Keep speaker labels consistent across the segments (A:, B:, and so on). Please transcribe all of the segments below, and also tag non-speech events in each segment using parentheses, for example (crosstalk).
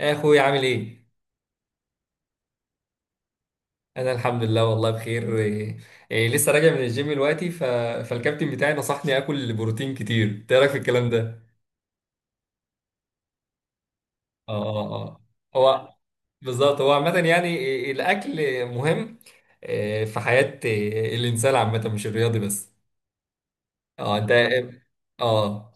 A: يا اخوي، عامل ايه؟ انا الحمد لله، والله بخير. لسه راجع من الجيم دلوقتي، فالكابتن بتاعي نصحني اكل بروتين كتير. إنت ايه رايك في الكلام ده؟ اه، اه، اه. هو بالظبط. هو عامه، يعني إيه، الاكل مهم في حياه الانسان عامه، مش الرياضي بس. اه، انت. اه.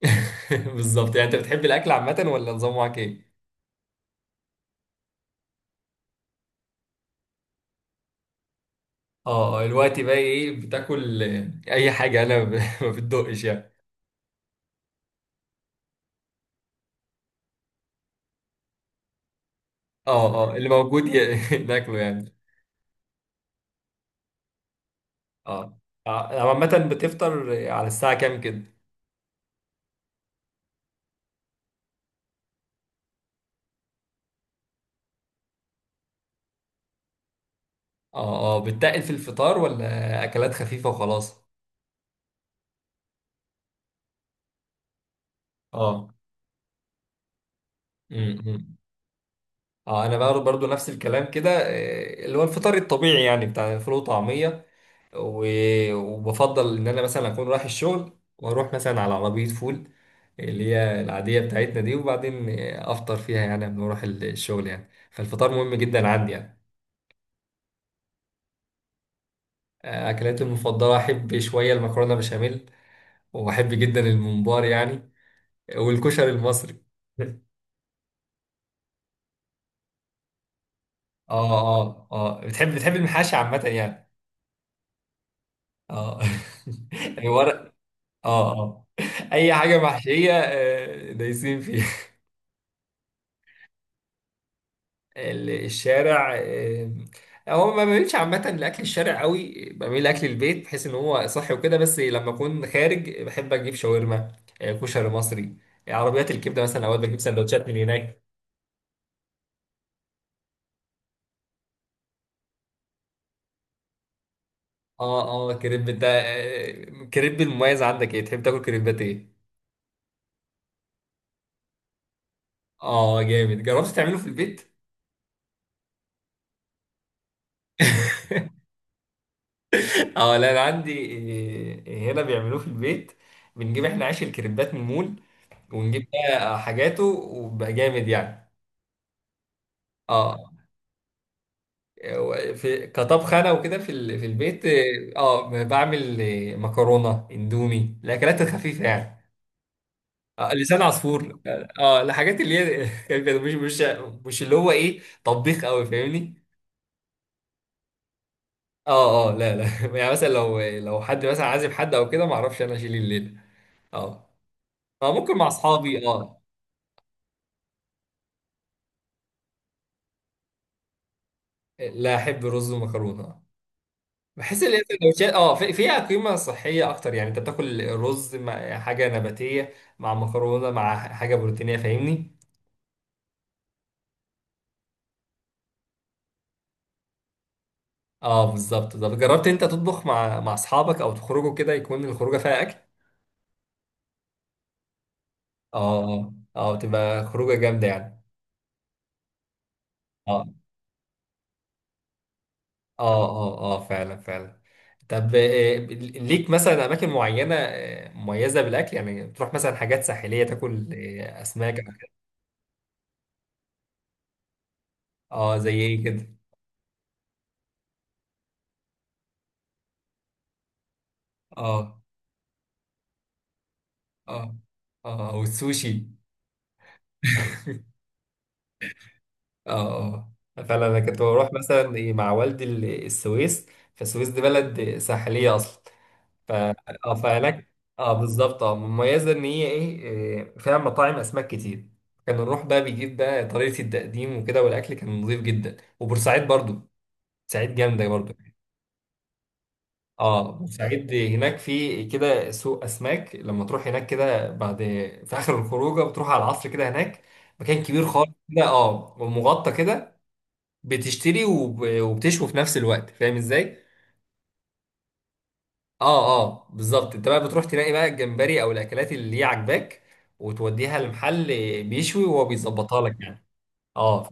A: (laughs) بالظبط، يعني انت بتحب الاكل عامه، ولا نظام، معاك ايه؟ اه. الوقت بقى ايه بتاكل؟ اي حاجه، (laughs) ما بتدقش يعني. اه، اه، اللي موجود (laughs) ناكله يعني. اه. عامة بتفطر على الساعة كام كده؟ اه، اه، بتتقل في الفطار ولا أكلات خفيفة وخلاص؟ اه. امم. اه، انا بقى برضو نفس الكلام كده، اللي هو الفطار الطبيعي، يعني بتاع فول وطعمية. وبفضل ان انا مثلا اكون رايح الشغل، واروح مثلا على عربية فول اللي هي العادية بتاعتنا دي، وبعدين افطر فيها يعني قبل ما اروح الشغل يعني. فالفطار مهم جدا عندي يعني. اكلاتي المفضلة، احب شوية المكرونة بشاميل، وبحب جدا الممبار يعني، والكشري المصري. اه، اه، اه، بتحب المحاشي عامة يعني. اه. (laughs) ورق. اه، اه، اي حاجة محشية دايسين فيها. الشارع. هو ما بميلش عامة لأكل الشارع قوي، بميل لأكل البيت بحيث إن هو صحي وكده، بس لما أكون خارج بحب أجيب شاورما، كشري مصري، عربيات الكبدة مثلا أوقات بجيب سندوتشات من هناك. اه، اه، كريب ده. كريب المميز عندك ايه؟ تحب تاكل كريبات ايه؟ اه جامد، جربت تعمله في البيت؟ (laughs) اه، لا انا عندي هنا بيعملوه في البيت. بنجيب احنا عيش الكريبات من المول، ونجيب بقى حاجاته، وبقى جامد يعني. اه. في كطبخ انا وكده في في البيت. اه، بعمل مكرونه اندومي، الاكلات الخفيفه يعني. لسان عصفور. الحاجات اللي هي (laughs) خفيفة، مش اللي هو طبيخ قوي، فاهمني. اه، اه، لا، لا. (laughs) يعني مثلا لو حد مثلا عازم حد او كده، ما اعرفش انا اشيل الليله. اه، فممكن مع اصحابي. اه. لا، احب رز ومكرونه. بحس ان هي سندوتشات فيها قيمه صحيه اكتر. يعني انت بتاكل رز مع حاجه نباتيه، مع مكرونه، مع حاجه بروتينيه، فاهمني. اه، بالظبط. طب جربت انت تطبخ مع اصحابك، او تخرجوا كده يكون الخروجه فيها اكل؟ اه، اه، تبقى خروجه جامده يعني. اه، اه، اه، اه، فعلا فعلا. طب ليك مثلا اماكن معينه مميزه بالاكل؟ يعني بتروح مثلا حاجات ساحليه تاكل اسماك. اه، زي ايه كده؟ اه، اه، اه، والسوشي. اه، اه، فعلا. انا كنت بروح مثلا مع والدي السويس. فالسويس دي بلد ساحليه اصلا، ف اه فهناك. اه، بالظبط. اه مميزه ان هي ايه إيه، فيها مطاعم اسماك كتير. كنا نروح بقى، بيجيب بقى طريقه التقديم وكده، والاكل كان نظيف جدا. وبورسعيد برضو، بورسعيد جامده برضو. اه، بورسعيد هناك في كده سوق اسماك. لما تروح هناك كده، بعد في اخر الخروجه بتروح على العصر كده هناك، مكان كبير خالص كده، ومغطى كده. بتشتري وبتشوي في نفس الوقت، فاهم ازاي؟ اه، اه، بالظبط، انت بقى بتروح تلاقي بقى الجمبري او الاكلات اللي هي عاجباك، وتوديها لمحل بيشوي، وهو بيظبطها لك يعني. اه.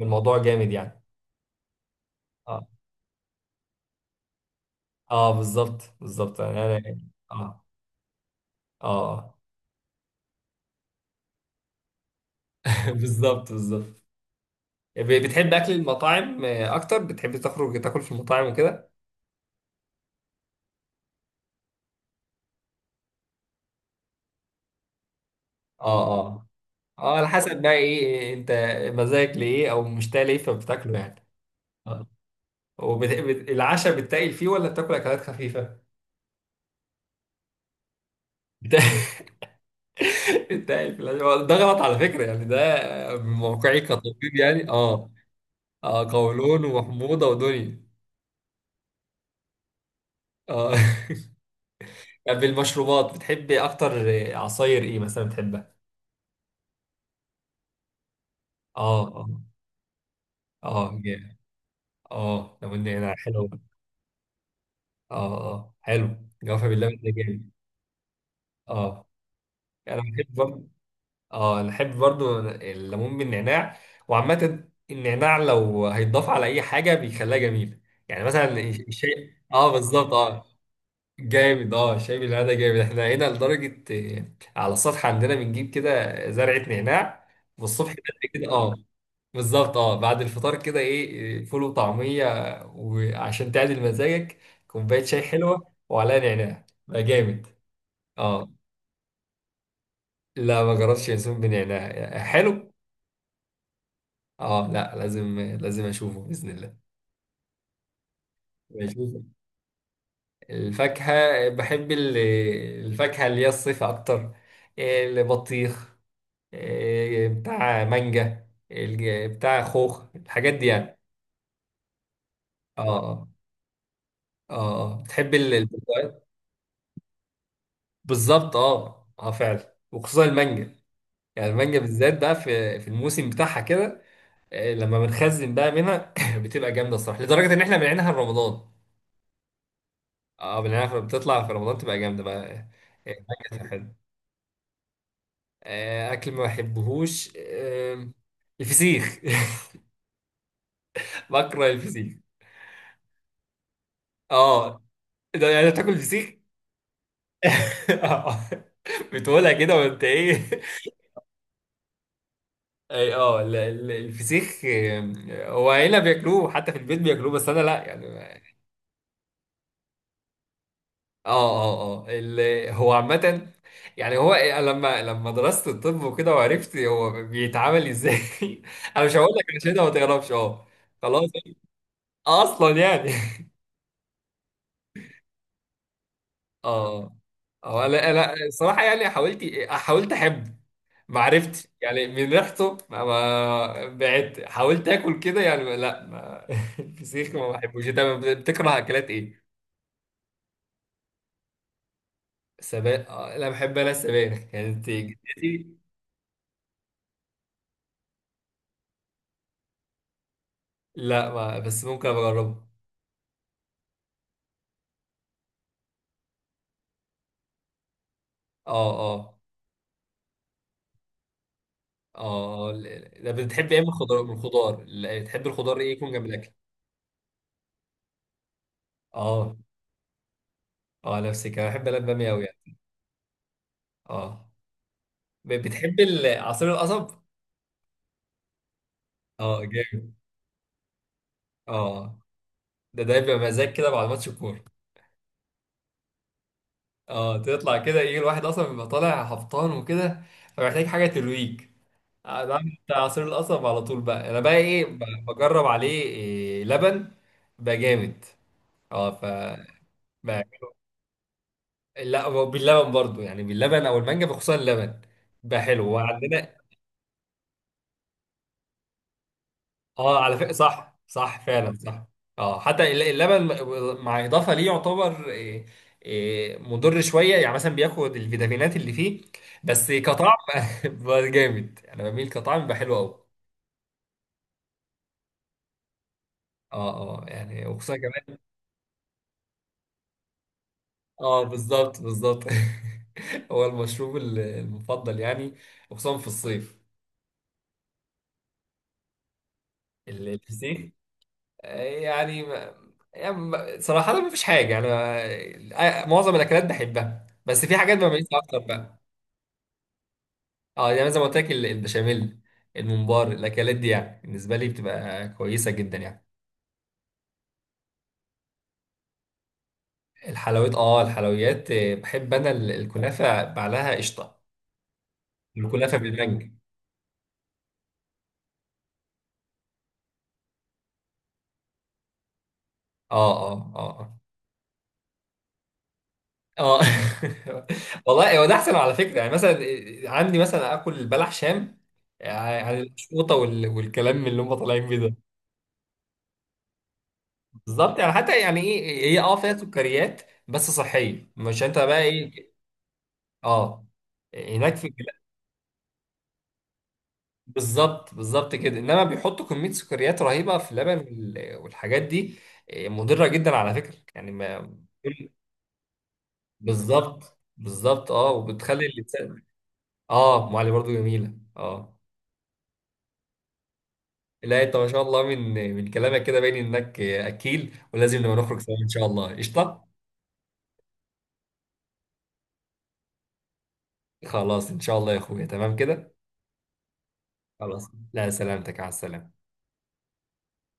A: الموضوع جامد يعني. اه، اه، بالظبط، بالظبط. يعني. اه. اه، (laughs) بالظبط، بالظبط. بتحب اكل المطاعم اكتر؟ بتحب تخرج تاكل في المطاعم وكده؟ اه، اه، اه، على حسب بقى ايه انت، مزاجك لايه، او مشتاق لايه فبتاكله يعني. آه. والعشاء بتتقل فيه، ولا بتاكل اكلات خفيفه؟ بت- (laughs) بتتقل في العشاء ده غلط على فكره يعني، ده آه، من موقعي كطبيب يعني. اه، اه، قولون وحموضه ودنيا. اه. (laughs) طب المشروبات بتحب اكتر؟ عصاير ايه مثلا بتحبها؟ اه، اه، اه جامد. اه، لو ان هنا حلو. اه، اه، حلو. جوافة باللبن ده جامد. اه، انا بحب برضه. اه، انا بحب برضه الليمون بالنعناع. وعامة النعناع لو هيتضاف على اي حاجة بيخليها جميلة، يعني مثلا الشاي. اه بالظبط. اه جامد، اه، الشاي بالنعناع ده جامد. احنا هنا لدرجة، آه، على السطح عندنا بنجيب كده زرعة نعناع، والصبح بدري كده. اه، بالظبط. اه، بعد الفطار كده، ايه آه، فول وطعمية، وعشان تعدل مزاجك كوباية شاي حلوة وعليها نعناع، بقى جامد. اه، لا ما جربتش. ينسون بن يعناع حلو. اه، لا، لازم لازم اشوفه باذن الله. بشوف. الفاكهه، بحب الفاكهه اللي هي الصيف اكتر. البطيخ، بتاع مانجا، بتاع خوخ، الحاجات دي يعني. اه، اه، اه، اه. بتحب البرتقال؟ بالظبط، اه، اه، فعلا، وخصوصا المانجا. يعني المانجا بالذات بقى في الموسم بتاعها كده. لما بنخزن بقى منها، (coughs) (laughs) بتبقى جامده الصراحه، لدرجه ان احنا بنعينها رمضان. اه، بالعنب بتطلع في رمضان، تبقى جامده بقى. أكل حلو. اكل ما بحبهوش، الفسيخ. (laughs) بكره الفسيخ. اه، ده يعني بتاكل فسيخ؟ (laughs) آه. بتقولها كده، وانت ايه؟ (laughs) اي، الفسيخ، هو هنا بياكلوه، حتى في البيت بياكلوه، بس انا لا يعني. اه، اه، اه، هو عامة، يعني هو أنا لما درست الطب وكده، وعرفت هو بيتعامل ازاي. (laughs) انا مش هقول لك عشان انت ما تعرفش. اه خلاص، اصلا يعني. (laughs) اه، اه، لا، لا. الصراحة يعني حاولت، احب. ما عرفتش يعني، من ريحته بعدت. حاولت اكل كده يعني، لا ما، (laughs) الفسيخ ما بحبوش. انت بتكره اكلات ايه؟ سبانخ؟ لا، بحب انا السبانخ، كانت جدتي. لا ما، بس ممكن أبقى اجربه. اه، اه، اه، طب بتحب ايه من الخضار؟ من الخضار، بتحب الخضار ايه يكون جنب الاكل؟ اه، اه، نفسي كمان، بحب انا الباميه قوي يعني. اه. بتحب عصير القصب؟ اه جامد. اه، ده بيبقى مزاج كده بعد ماتش الكوره. اه، تطلع كده يجي الواحد، اصلا بيبقى طالع هبطان وكده، فمحتاج حاجه ترويج. ده بتاع عصير القصب على طول بقى. انا بقى ايه بجرب عليه لبن، بقى جامد. اه. لا، هو باللبن برضو يعني، باللبن او المانجا، بخصوصا اللبن، بقى حلو وعندنا. اه، على فكره، صح صح، فعلا صح. اه، حتى اللبن مع اضافه ليه، يعتبر إيه إيه مضر شويه، يعني مثلا بياخد الفيتامينات اللي فيه، بس كطعم (laughs) بقى جامد. انا بميل، كطعم بقى حلو قوي. اه، اه، يعني وخصوصا كمان. اه، بالظبط، بالظبط. (laughs) هو المشروب المفضل يعني، وخصوصا في الصيف. الفسيخ. يعني ما- يعني صراحة ما فيش حاجة يعني. معظم الأكلات بحبها، بس في حاجات بميزها أكتر بقى. اه، يعني زي ما قلت لك، البشاميل، الممبار، الأكلات دي يعني بالنسبة لي بتبقى كويسة جدا يعني. الحلويات، بحب أنا الكنافة بعلاها قشطة، الكنافة بالمانجا. اه، اه، اه، اه. (laughs) آه. والله هو ده أحسن على فكرة، يعني مثلا عندي مثلا آكل البلح شام، يعني عن الشوطة والكلام اللي هم طالعين بيه ده. بالظبط، يعني حتى يعني ايه، هي فيها سكريات، بس صحيه، مش انت بقى ايه. اه، هناك في بالظبط، بالظبط كده، انما بيحطوا كميه سكريات رهيبه في اللبن والحاجات دي. مضره جدا على فكره يعني، ما بالظبط، بالظبط. اه وبتخلي اللسان. (laughs) اه، معلي برضو جميله. اه، لا انت ما شاء الله، من كلامك كده باين انك اكيل، ولازم نبقى نخرج سوا ان شاء الله، قشطه. خلاص ان شاء الله يا اخويا، تمام كده. خلاص، لا سلامتك، على السلامه.